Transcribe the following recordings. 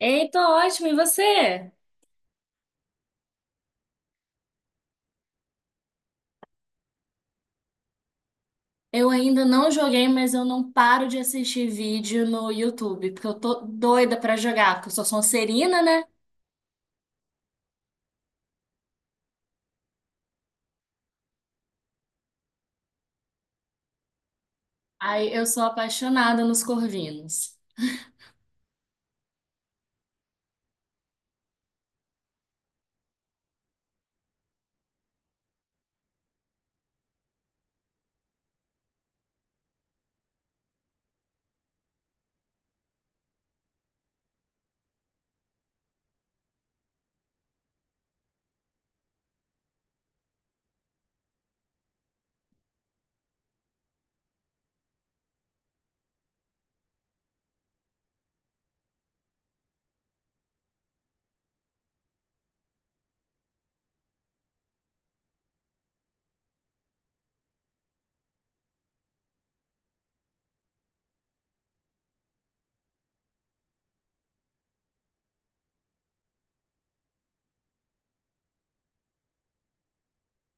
Ei, tô ótimo, e você? Eu ainda não joguei, mas eu não paro de assistir vídeo no YouTube, porque eu tô doida pra jogar, porque eu sou sonserina, né? Aí eu sou apaixonada nos corvinos.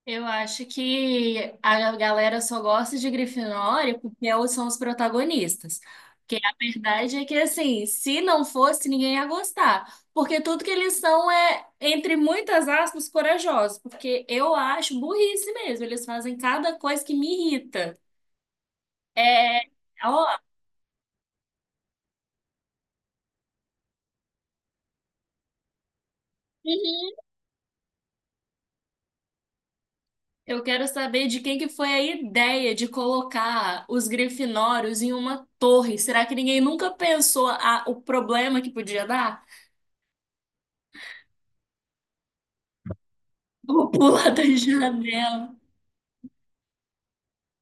Eu acho que a galera só gosta de Grifinória porque elas são os protagonistas. Porque a verdade é que, assim, se não fosse, ninguém ia gostar. Porque tudo que eles são é, entre muitas aspas, corajosos. Porque eu acho burrice mesmo. Eles fazem cada coisa que me irrita. É, ó, eu quero saber de quem que foi a ideia de colocar os Grifinórios em uma torre. Será que ninguém nunca pensou a, o problema que podia dar? Vou pular da janela.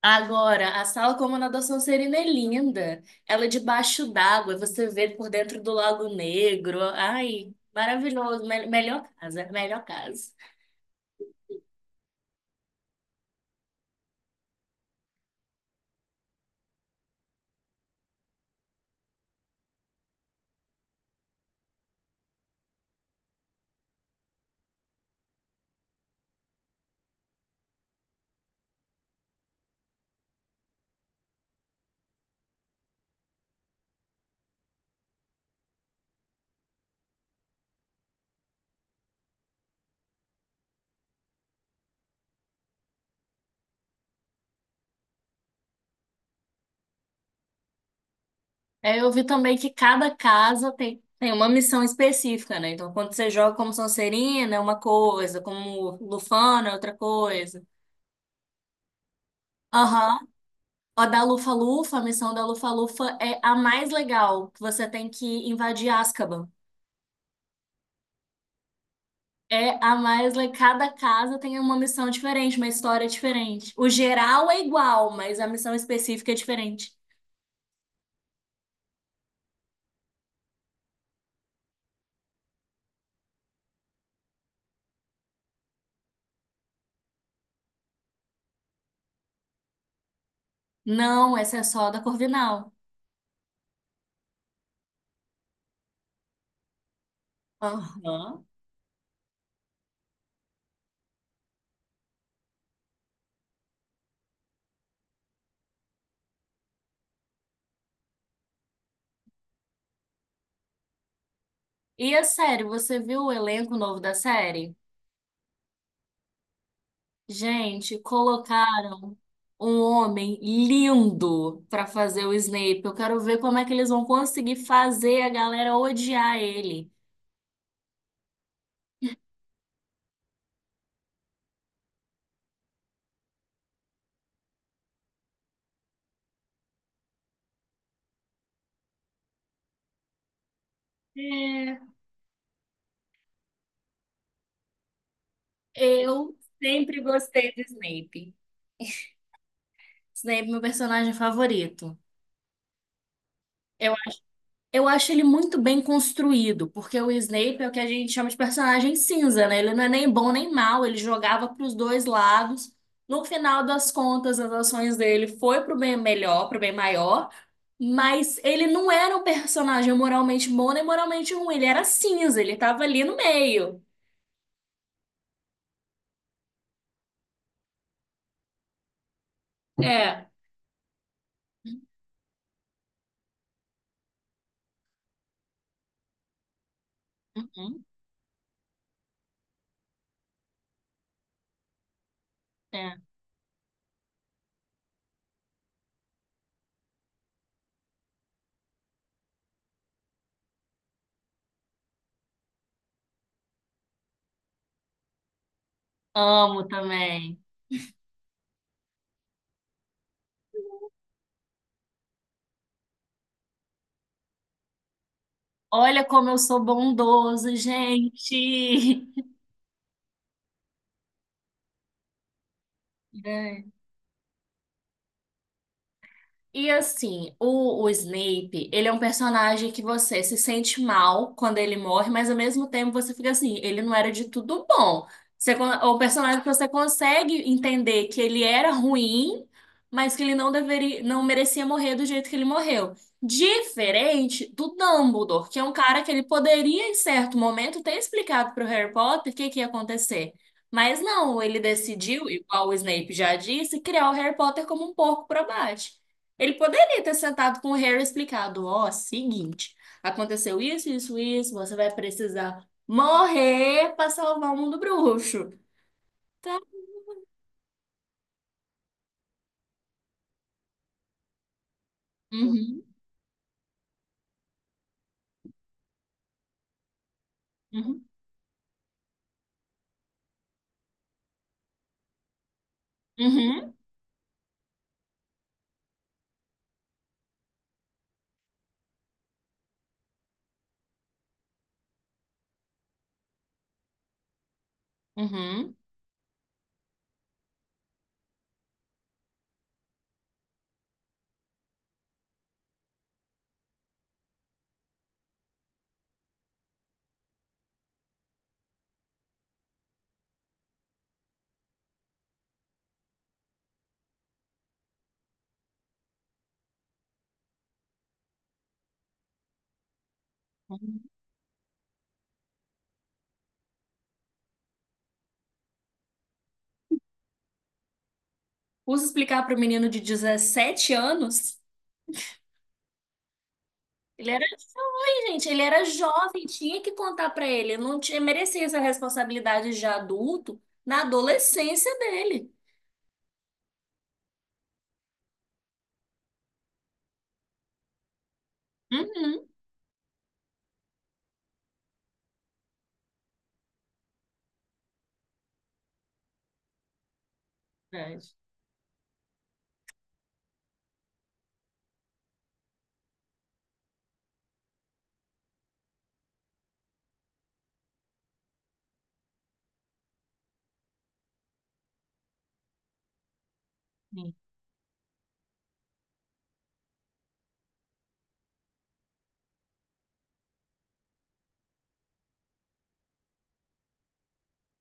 Agora, a sala como na da Sonserina é linda. Ela é debaixo d'água, você vê por dentro do Lago Negro. Ai, maravilhoso. Me- melhor casa, melhor casa. É, eu vi também que cada casa tem uma missão específica, né? Então, quando você joga como Sonserina, é uma coisa, como Lufana, é outra coisa. Aham. A da Lufa-Lufa, a missão da Lufa-Lufa é a mais legal, que você tem que invadir Azkaban. É a Maisla, cada casa tem uma missão diferente, uma história diferente. O geral é igual, mas a missão específica é diferente. Não, essa é só da Corvinal. Aham. E a série, você viu o elenco novo da série? Gente, colocaram um homem lindo pra fazer o Snape. Eu quero ver como é que eles vão conseguir fazer a galera odiar ele. É. Eu sempre gostei do Snape. Snape, é meu personagem favorito. Eu, eu acho ele muito bem construído, porque o Snape é o que a gente chama de personagem cinza, né? Ele não é nem bom nem mal, ele jogava para os dois lados. No final das contas, as ações dele foi pro bem melhor, pro bem maior, mas ele não era um personagem moralmente bom nem moralmente ruim, ele era cinza, ele tava ali no meio. É. Uhum, é. Amo também. Olha como eu sou bondoso, gente. É. E assim, o Snape, ele é um personagem que você se sente mal quando ele morre, mas ao mesmo tempo você fica assim, ele não era de tudo bom. Você, con- o personagem que você consegue entender que ele era ruim, mas que ele não deveria, não merecia morrer do jeito que ele morreu. Diferente do Dumbledore, que é um cara que ele poderia, em certo momento, ter explicado para o Harry Potter o que que ia acontecer. Mas não, ele decidiu, igual o Snape já disse, criar o Harry Potter como um porco pro abate. Ele poderia ter sentado com o Harry e explicado, ó, seguinte, aconteceu isso, isso, isso, você vai precisar morrer para salvar o mundo bruxo. Tá? Uhum, uhum, uhum, uhum, uhum. Usa explicar para o menino de 17 anos? Ele era jovem, gente, ele era jovem, tinha que contar para ele, ele não tinha, merecia essa responsabilidade de adulto na adolescência dele. Uhum. Verdade.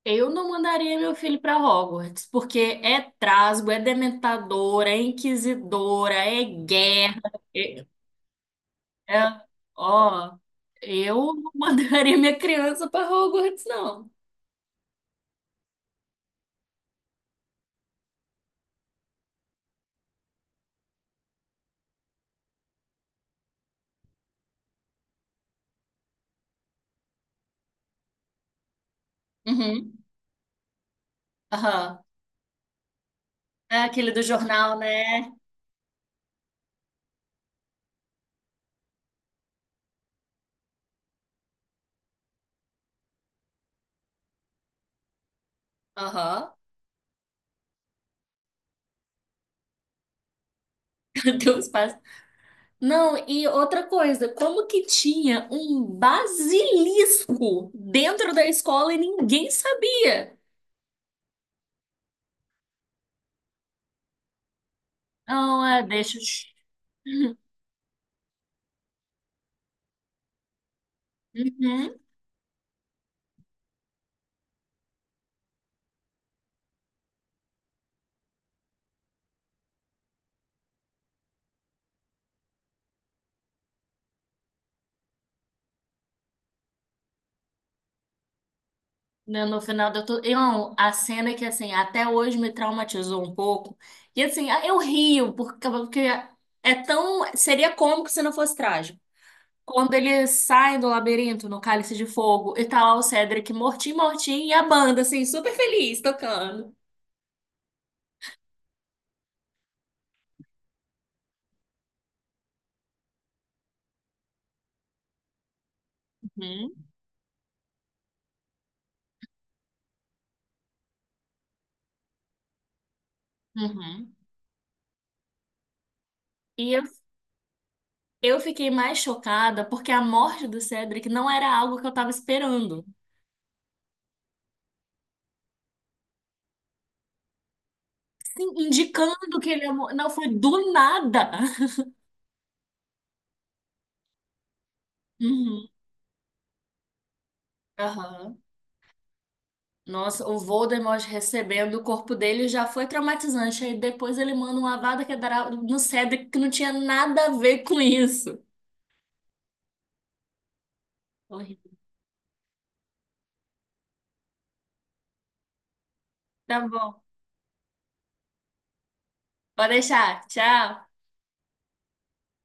Eu não mandaria meu filho para Hogwarts, porque é trasgo, é dementador, é inquisidora, é guerra. É, é- ó, eu não mandaria minha criança para Hogwarts, não. Uhum. Aham. É aquele do jornal, né? Aham. Cadê os pais? Não, e outra coisa, como que tinha um basilisco dentro da escola e ninguém sabia? Não, é, deixa. Eu- uhum. Né, no final da tudo. Não, a cena que, assim, até hoje me traumatizou um pouco. E, assim, eu rio, porque, porque é tão. Seria cômico se não fosse trágico. Quando eles saem do labirinto no Cálice de Fogo e tá lá o Cedric mortinho, mortinho, e a banda, assim, super feliz tocando. Uhum. Uhum. E eu fiquei mais chocada porque a morte do Cedric não era algo que eu tava esperando. Sim, indicando que ele ia mor- Não, foi do nada. uhum. Aham. Nossa, o Voldemort recebendo o corpo dele já foi traumatizante. Aí depois ele manda uma vada que dará no Cedric que não tinha nada a ver com isso. Horrível. Tá bom. Pode deixar. Tchau.